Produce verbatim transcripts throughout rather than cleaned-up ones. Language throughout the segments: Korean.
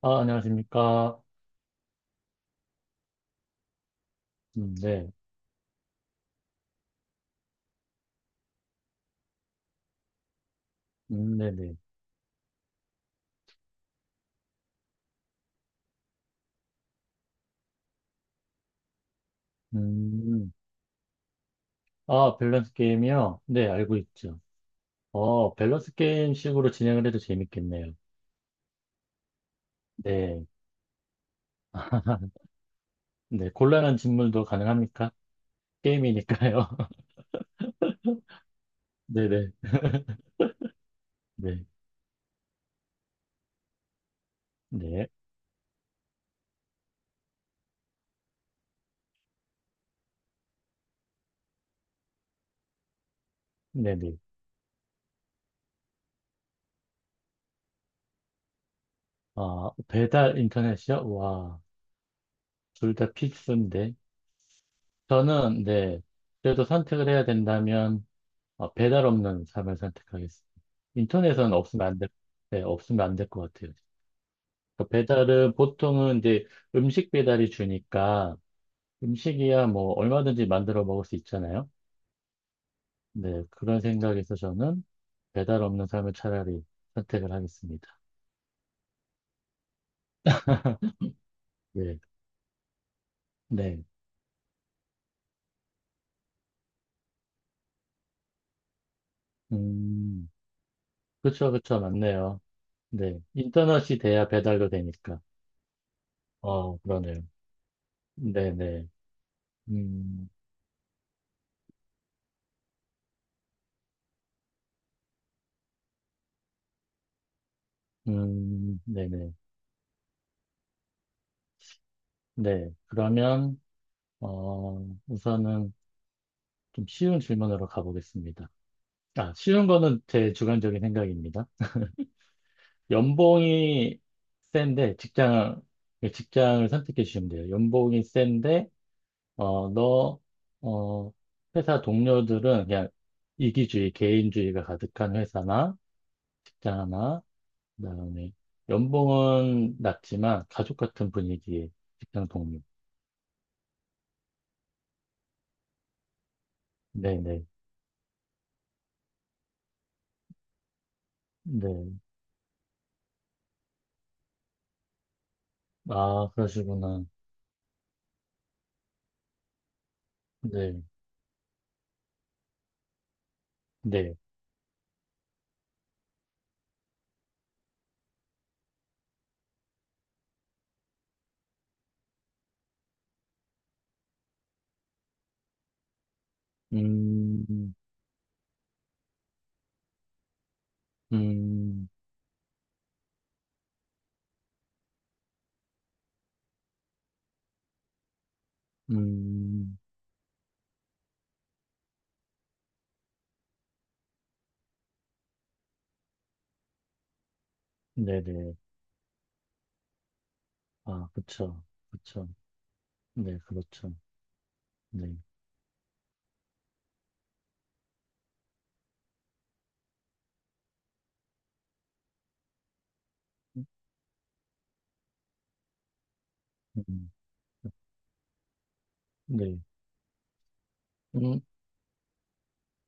아, 안녕하십니까. 음, 네. 음, 네네. 음, 아, 밸런스 게임이요? 네, 알고 있죠. 어, 밸런스 게임 식으로 진행을 해도 재밌겠네요. 네. 네, 곤란한 질문도 가능합니까? 게임이니까요. 네네. 네. 네. 네네. 아, 배달 인터넷이요? 와, 둘 다 필수인데. 저는, 네. 그래도 선택을 해야 된다면, 아, 배달 없는 삶을 선택하겠습니다. 인터넷은 없으면 안 될, 네, 없으면 안 될 것 같아요. 그 배달은 보통은 이제 음식 배달이 주니까 음식이야 뭐 얼마든지 만들어 먹을 수 있잖아요. 네, 그런 생각에서 저는 배달 없는 삶을 차라리 선택을 하겠습니다. 네, 네. 음, 그쵸, 그쵸, 맞네요. 네. 인터넷이 돼야 배달도 되니까. 어, 그러네요. 네네. 음, 음, 네네. 네. 네, 그러면, 어, 우선은 좀 쉬운 질문으로 가보겠습니다. 아, 쉬운 거는 제 주관적인 생각입니다. 연봉이 센데, 직장, 직장을 선택해 주시면 돼요. 연봉이 센데, 어, 너, 어, 회사 동료들은 그냥 이기주의, 개인주의가 가득한 회사나, 직장 하나, 그다음에 연봉은 낮지만 가족 같은 분위기의 직장 동료. 네네. 네. 네. 아, 그러시구나. 네. 네. 음, 음, 음, 네네. 아, 그쵸. 그쵸. 네, 그렇죠. 네. 음, 네. 음,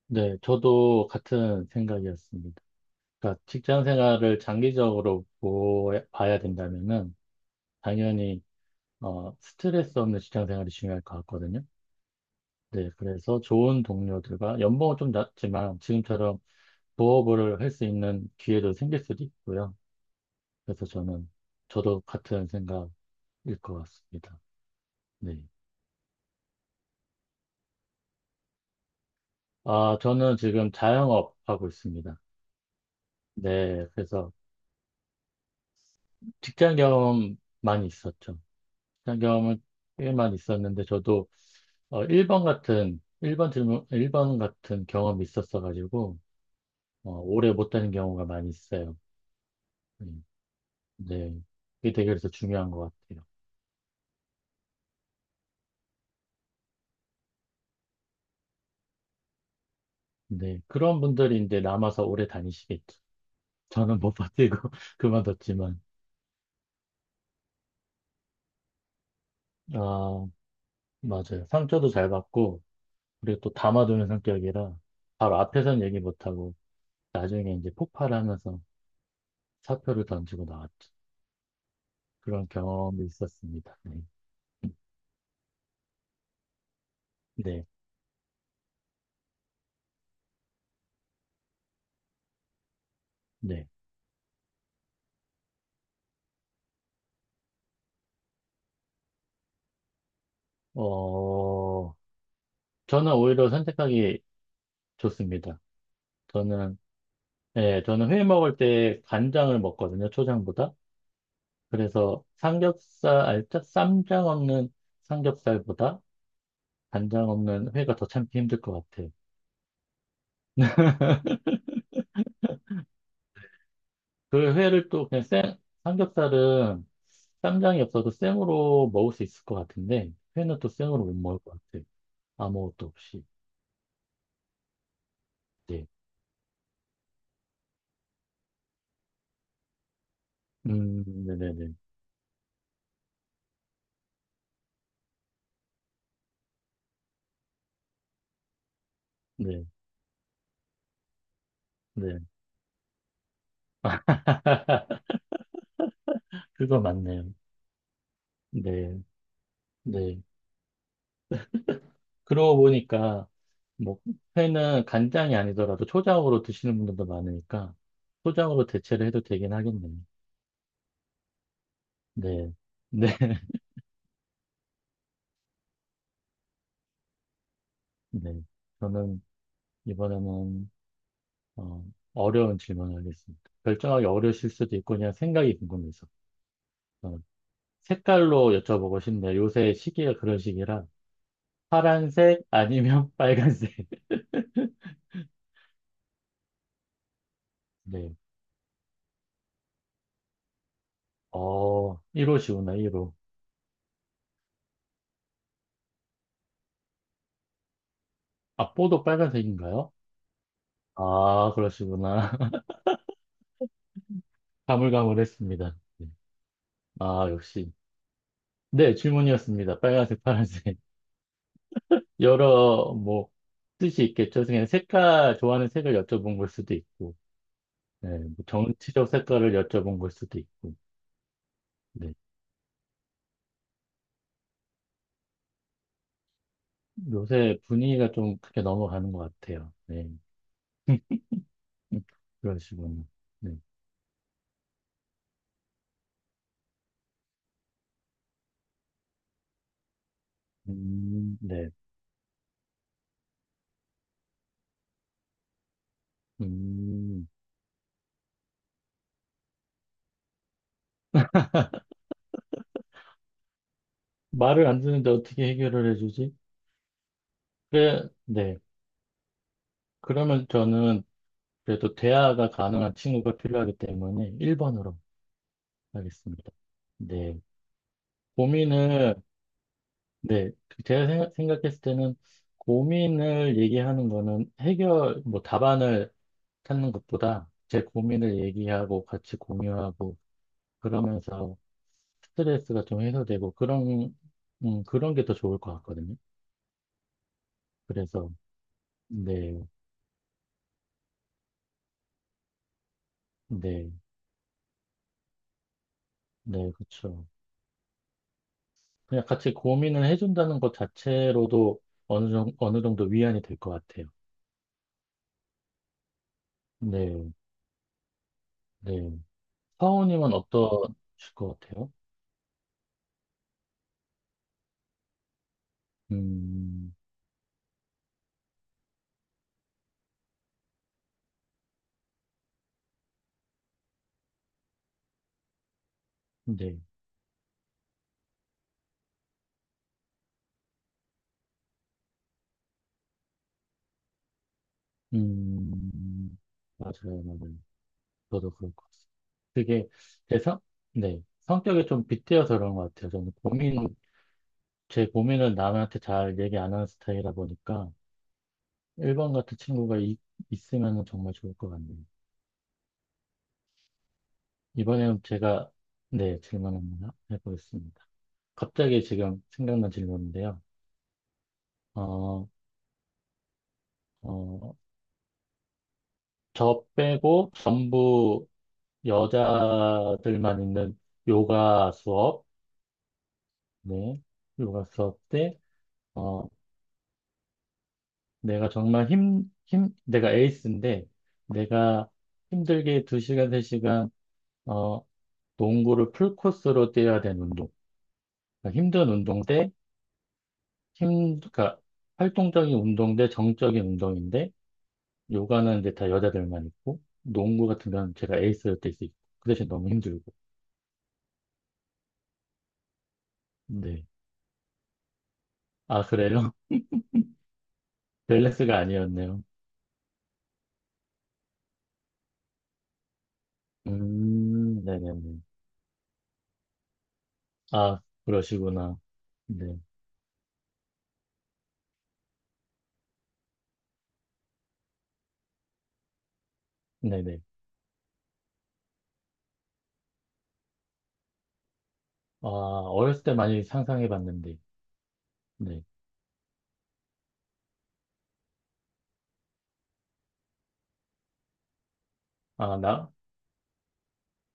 네. 저도 같은 생각이었습니다. 그러니까 직장 생활을 장기적으로 보, 봐야 된다면은, 당연히, 어, 스트레스 없는 직장 생활이 중요할 것 같거든요. 네. 그래서 좋은 동료들과 연봉은 좀 낮지만, 지금처럼 부업을 할 수 있는 기회도 생길 수도 있고요. 그래서 저는, 저도 같은 생각, 일 것 같습니다. 네. 아, 저는 지금 자영업 하고 있습니다. 네, 그래서 직장 경험 많이 있었죠. 직장 경험은 꽤 많이 있었는데, 저도 어, 1번 같은, 일 번 질문, 일 번 같은 경험이 있었어가지고, 어, 오래 못 다닌 경우가 많이 있어요. 음, 네. 네. 그게 되게 그래서 중요한 것 같아요. 네. 그런 분들이 이제 남아서 오래 다니시겠죠. 저는 못 버티고 그만뒀지만, 아, 맞아요. 상처도 잘 받고, 그리고 또 담아두는 성격이라 바로 앞에선 얘기 못하고 나중에 이제 폭발하면서 사표를 던지고 나왔죠. 그런 경험이 있었습니다. 네. 네. 네. 어, 저는 오히려 선택하기 좋습니다. 저는, 예, 저는 회 먹을 때 간장을 먹거든요. 초장보다. 그래서 삼겹살, 알짜 쌈장 없는 삼겹살보다 간장 없는 회가 더 참기 힘들 것 같아요. 그 회를 또 그냥 생, 삼겹살은 쌈장이 없어도 생으로 먹을 수 있을 것 같은데, 회는 또 생으로 못 먹을 것 같아. 아무것도 없이. 네. 음, 네네네. 네, 네. 그거 맞네요. 네, 네. 그러고 보니까, 뭐, 회는 간장이 아니더라도 초장으로 드시는 분들도 많으니까, 초장으로 대체를 해도 되긴 하겠네요. 네, 네, 네. 저는 이번에는 어, 어려운 질문을 하겠습니다. 결정하기 어려우실 수도 있고 그냥 생각이 궁금해서. 어, 색깔로 여쭤보고 싶네요. 요새 시기가 그런 시기라 파란색 아니면 빨간색. 네. 어, 일 호시구나, 일 호. 앞보도 빨간색인가요? 아, 그러시구나. 가물가물했습니다. 네. 아, 역시. 네, 질문이었습니다. 빨간색, 파란색. 여러, 뭐, 뜻이 있겠죠. 그냥 색깔, 좋아하는 색을 여쭤본 걸 수도 있고, 네, 뭐 정치적 색깔을 여쭤본 걸 수도 있고. 네. 요새 분위기가 좀 그렇게 넘어가는 것 같아요. 네. 음, 그러시군요. 네. 음, 네. 음, 말을 안 듣는데 어떻게 해결을 해주지? 그래, 네. 그러면 저는 그래도 대화가 가능한 친구가 필요하기 때문에 일 번으로 하겠습니다. 네. 고민을, 네. 그 제가 생각- 생각했을 때는 고민을 얘기하는 거는 해결, 뭐 답안을 찾는 것보다 제 고민을 얘기하고 같이 공유하고 그러면서 스트레스가 좀 해소되고 그런 음, 그런 게 더 좋을 것 같거든요. 그래서 네, 네, 네, 그렇죠. 그냥 같이 고민을 해준다는 것 자체로도 어느 정도 어느 정도 위안이 될 것 같아요. 네, 네. 사원님은 어떠실 것 같아요? 음, 네, 음, 맞아요, 맞아요. 저도 그럴 것 같습니다. 그게 제 성, 네, 성격이 좀 빗대어서 그런 것 같아요. 저는 고민 제 고민을 남한테 잘 얘기 안 하는 스타일이라 보니까 일 번 같은 친구가 이- 있으면 정말 좋을 것 같네요. 이번에는 제가 네, 질문 하나 해보겠습니다. 갑자기 지금 생각난 질문인데요. 어, 어, 저 빼고 전부 여자들만 있는 요가 수업, 네, 요가 수업 때, 어, 내가 정말 힘, 힘, 내가 에이스인데, 내가 힘들게 두 시간, 세 시간 농구를 풀코스로 뛰어야 되는 운동. 그러니까 힘든 운동 대 힘, 그러니까 활동적인 운동 대 정적인 운동인데 요가는 이제 다 여자들만 있고 농구 같은 경우는 제가 에이스로 뛸 수 있고 그 대신 너무 힘들고. 네. 아, 그래요? 밸런스가 아니었네요. 음, 네네네. 아, 그러시구나. 네. 네네. 아, 어렸을 때 많이 상상해 봤는데. 네. 아, 나,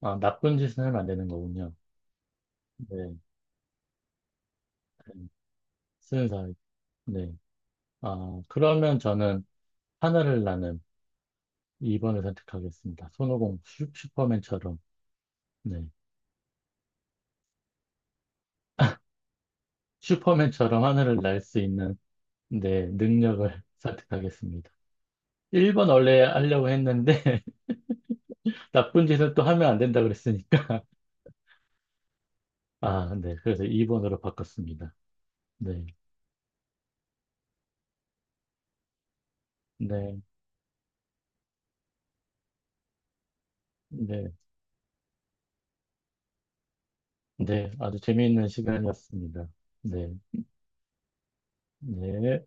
아, 나쁜 짓은 하면 안 되는 거군요. 네. 쓰는 사람. 네. 아, 그러면 저는 하늘을 나는 이 번을 선택하겠습니다. 손오공 슈, 슈퍼맨처럼, 네. 슈퍼맨처럼 하늘을 날 수 있는 네 능력을 선택하겠습니다. 일 번 원래 하려고 했는데 나쁜 짓을 또 하면 안 된다 그랬으니까 아, 네. 그래서 이 번으로 바꿨습니다. 네. 네. 네. 네. 아주 재미있는 시간이었습니다. 네. 네.